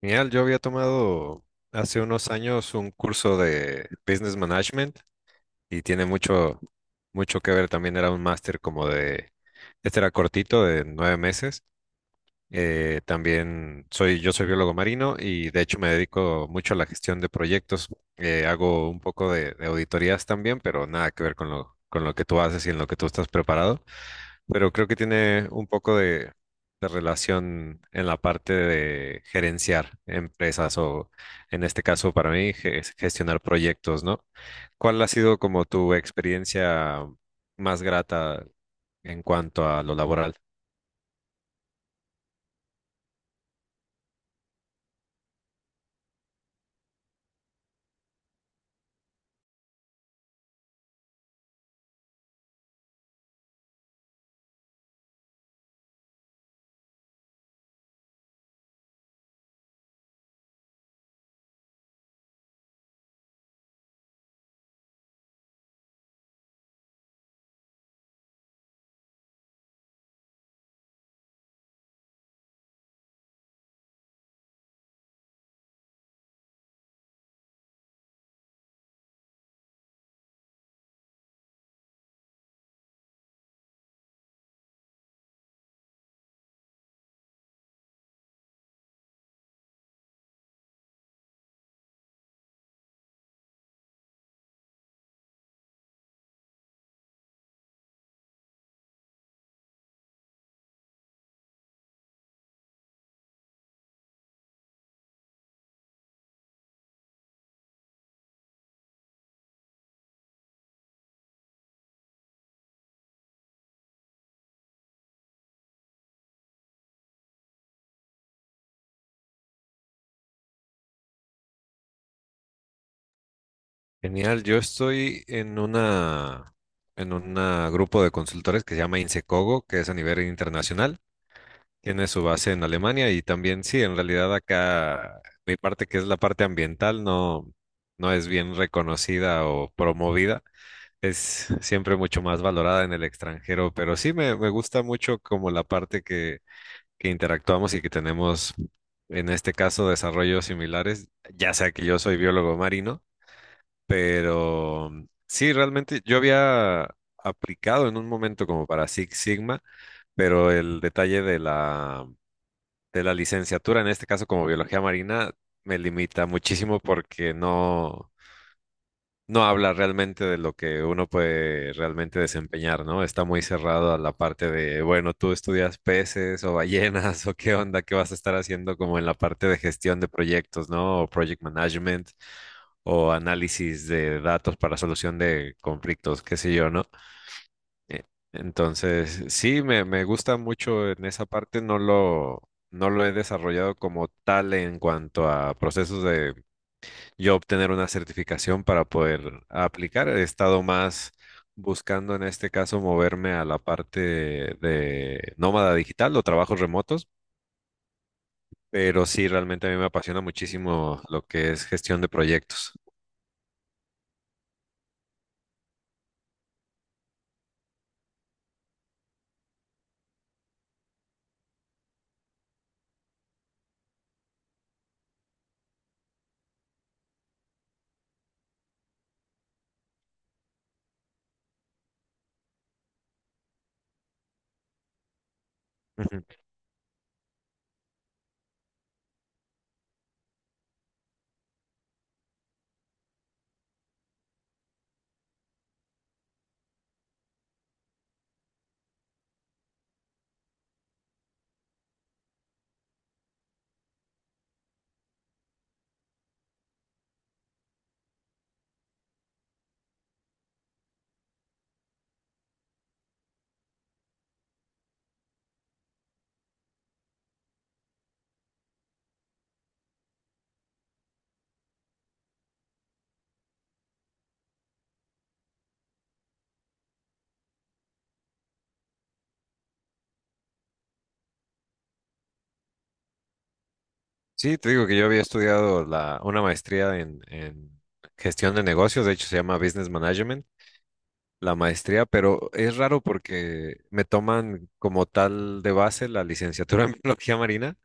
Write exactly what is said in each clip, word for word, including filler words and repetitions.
Genial, yo había tomado hace unos años un curso de Business Management y tiene mucho, mucho que ver. También era un máster como de, este era cortito, de nueve meses. Eh, también soy, yo soy biólogo marino, y de hecho me dedico mucho a la gestión de proyectos. Eh, hago un poco de, de auditorías también, pero nada que ver con lo, con lo que tú haces y en lo que tú estás preparado, pero creo que tiene un poco de, de relación en la parte de gerenciar empresas o, en este caso para mí, ge- gestionar proyectos, ¿no? ¿Cuál ha sido como tu experiencia más grata en cuanto a lo laboral? Genial, yo estoy en una en un grupo de consultores que se llama Insecogo, que es a nivel internacional. Tiene su base en Alemania y también sí, en realidad acá mi parte, que es la parte ambiental, no, no es bien reconocida o promovida, es siempre mucho más valorada en el extranjero, pero sí me, me gusta mucho como la parte que, que interactuamos y que tenemos en este caso desarrollos similares, ya sea que yo soy biólogo marino, pero sí, realmente yo había aplicado en un momento como para Six Sigma, pero el detalle de la de la licenciatura, en este caso como biología marina, me limita muchísimo porque no, no habla realmente de lo que uno puede realmente desempeñar, ¿no? Está muy cerrado a la parte de, bueno, tú estudias peces o ballenas o qué onda, qué vas a estar haciendo como en la parte de gestión de proyectos, ¿no? O project management o análisis de datos para solución de conflictos, qué sé yo, ¿no? Eh, Entonces, sí, me, me gusta mucho en esa parte, no lo, no lo he desarrollado como tal en cuanto a procesos de yo obtener una certificación para poder aplicar. He estado más buscando en este caso moverme a la parte de nómada digital o trabajos remotos, pero sí, realmente a mí me apasiona muchísimo lo que es gestión de proyectos. Ujú. Sí, te digo que yo había estudiado la, una maestría en, en gestión de negocios, de hecho se llama Business Management, la maestría, pero es raro porque me toman como tal de base la licenciatura en biología marina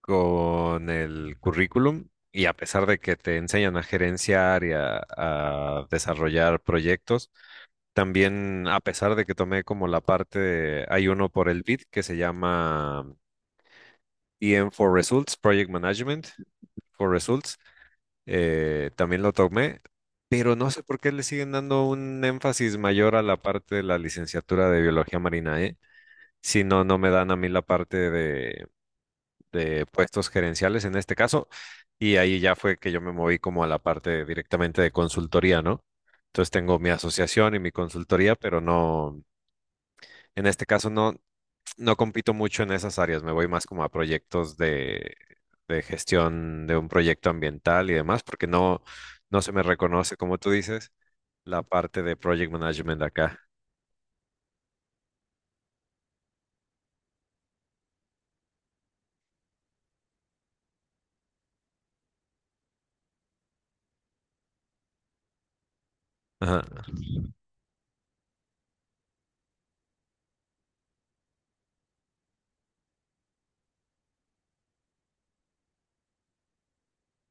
con el currículum, y a pesar de que te enseñan a gerenciar y a, a desarrollar proyectos, también a pesar de que tomé como la parte de, hay uno por el BID que se llama E M for Results, Project Management for Results, eh, también lo tomé, pero no sé por qué le siguen dando un énfasis mayor a la parte de la licenciatura de biología marina, ¿eh? Si no, no me dan a mí la parte de, de puestos gerenciales en este caso, y ahí ya fue que yo me moví como a la parte directamente de consultoría, ¿no? Entonces tengo mi asociación y mi consultoría, pero no, en este caso no, no compito mucho en esas áreas, me voy más como a proyectos de, de gestión de un proyecto ambiental y demás, porque no, no se me reconoce, como tú dices, la parte de project management acá. Ajá,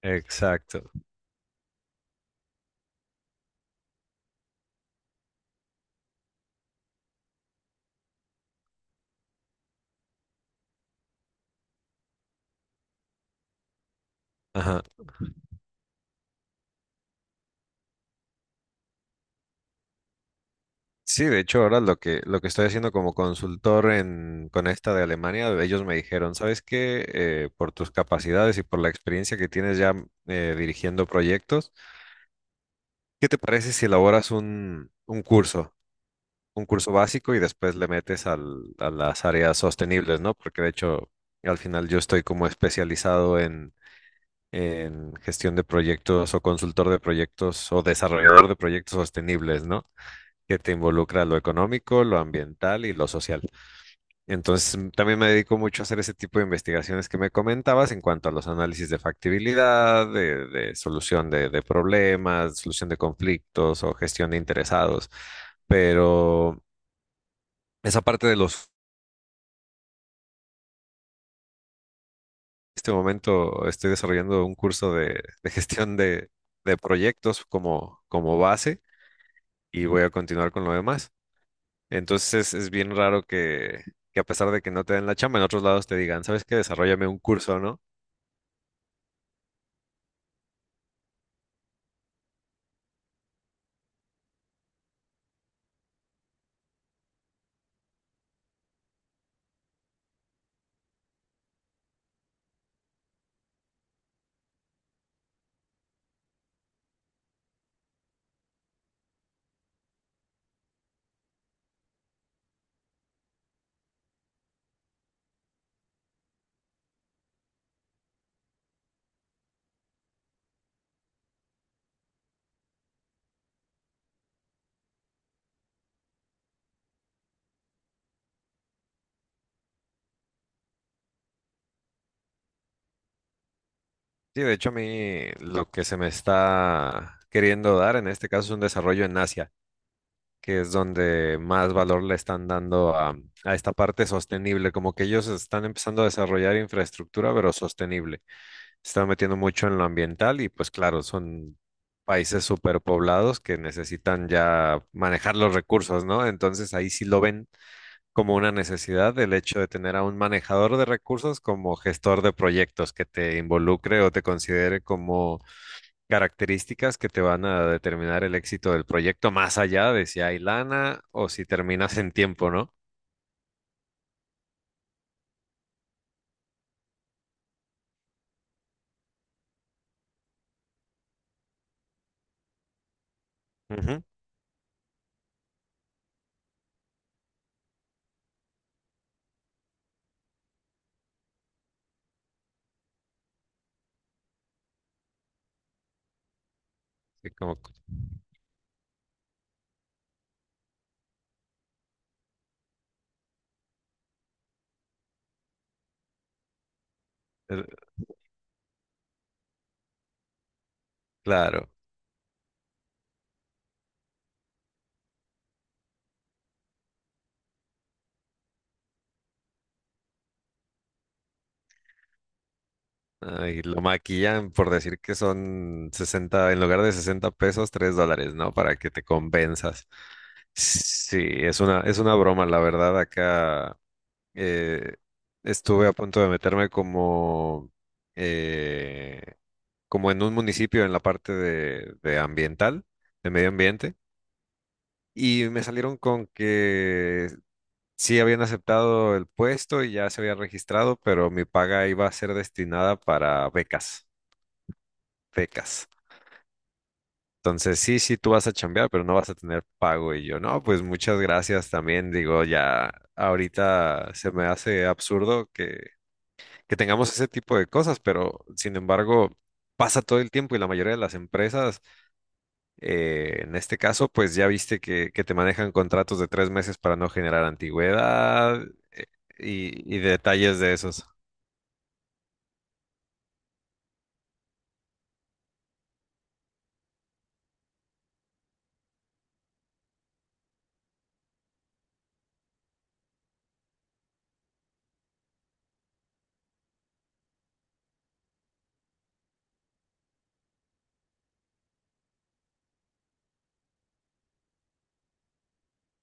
exacto. Ajá. Sí, de hecho, ahora lo que, lo que estoy haciendo como consultor en, con esta de Alemania, ellos me dijeron, ¿sabes qué? Eh, por tus capacidades y por la experiencia que tienes ya, eh, dirigiendo proyectos, ¿qué te parece si elaboras un, un curso? Un curso básico, y después le metes al- a las áreas sostenibles, ¿no? Porque de hecho, al final yo estoy como especializado en, en gestión de proyectos o consultor de proyectos o desarrollador de proyectos sostenibles, ¿no? Que te involucra lo económico, lo ambiental y lo social. Entonces, mm, también me dedico mucho a hacer ese tipo de investigaciones que me comentabas en cuanto a los análisis de factibilidad, de, de solución de, de problemas, solución de conflictos o gestión de interesados. Pero esa parte de los, este momento estoy desarrollando un curso de, de gestión de, de proyectos como, como base, y voy a continuar con lo demás. Entonces es bien raro que, que a pesar de que no te den la chamba, en otros lados te digan, ¿sabes qué? Desarróllame un curso, ¿no? Sí, de hecho a mí lo que se me está queriendo dar en este caso es un desarrollo en Asia, que es donde más valor le están dando a, a esta parte sostenible, como que ellos están empezando a desarrollar infraestructura, pero sostenible. Se están metiendo mucho en lo ambiental y pues claro, son países superpoblados que necesitan ya manejar los recursos, ¿no? Entonces ahí sí lo ven como una necesidad el hecho de tener a un manejador de recursos como gestor de proyectos que te involucre o te considere como características que te van a determinar el éxito del proyecto más allá de si hay lana o si terminas en tiempo, ¿no? Ujú, sí, como- eh, claro. Ay, lo maquillan por decir que son sesenta en lugar de sesenta pesos, tres dólares, ¿no? Para que te convenzas. Sí, es una, es una broma, la verdad. Acá eh, estuve a punto de meterme como, eh, como en un municipio en la parte de, de ambiental, de medio ambiente, y me salieron con que sí habían aceptado el puesto y ya se había registrado, pero mi paga iba a ser destinada para becas pecas. Entonces, sí, sí, tú vas a chambear, pero no vas a tener pago. Y yo, no, pues muchas gracias también. Digo, ya ahorita se me hace absurdo que, que tengamos ese tipo de cosas, pero sin embargo, pasa todo el tiempo y la mayoría de las empresas, eh, en este caso, pues ya viste que, que te manejan contratos de tres meses para no generar antigüedad y, y detalles de esos.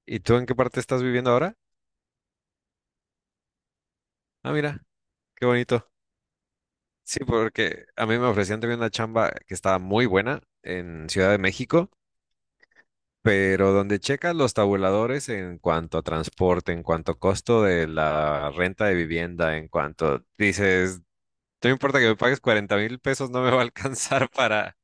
¿Y tú en qué parte estás viviendo ahora? Ah, mira, qué bonito. Sí, porque a mí me ofrecían también una chamba que estaba muy buena en Ciudad de México, pero donde checas los tabuladores en cuanto a transporte, en cuanto a costo de la renta de vivienda, en cuanto dices, no importa que me pagues cuarenta mil pesos, no me va a alcanzar para.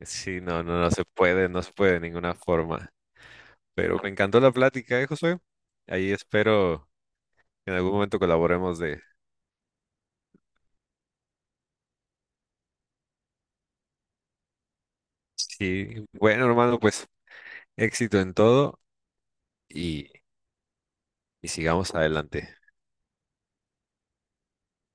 Sí, no, no, no se puede, no se puede de ninguna forma. Pero me encantó la plática, ¿eh, Josué? Ahí espero que en algún momento colaboremos de. Sí, bueno, hermano, pues éxito en todo y, y sigamos adelante.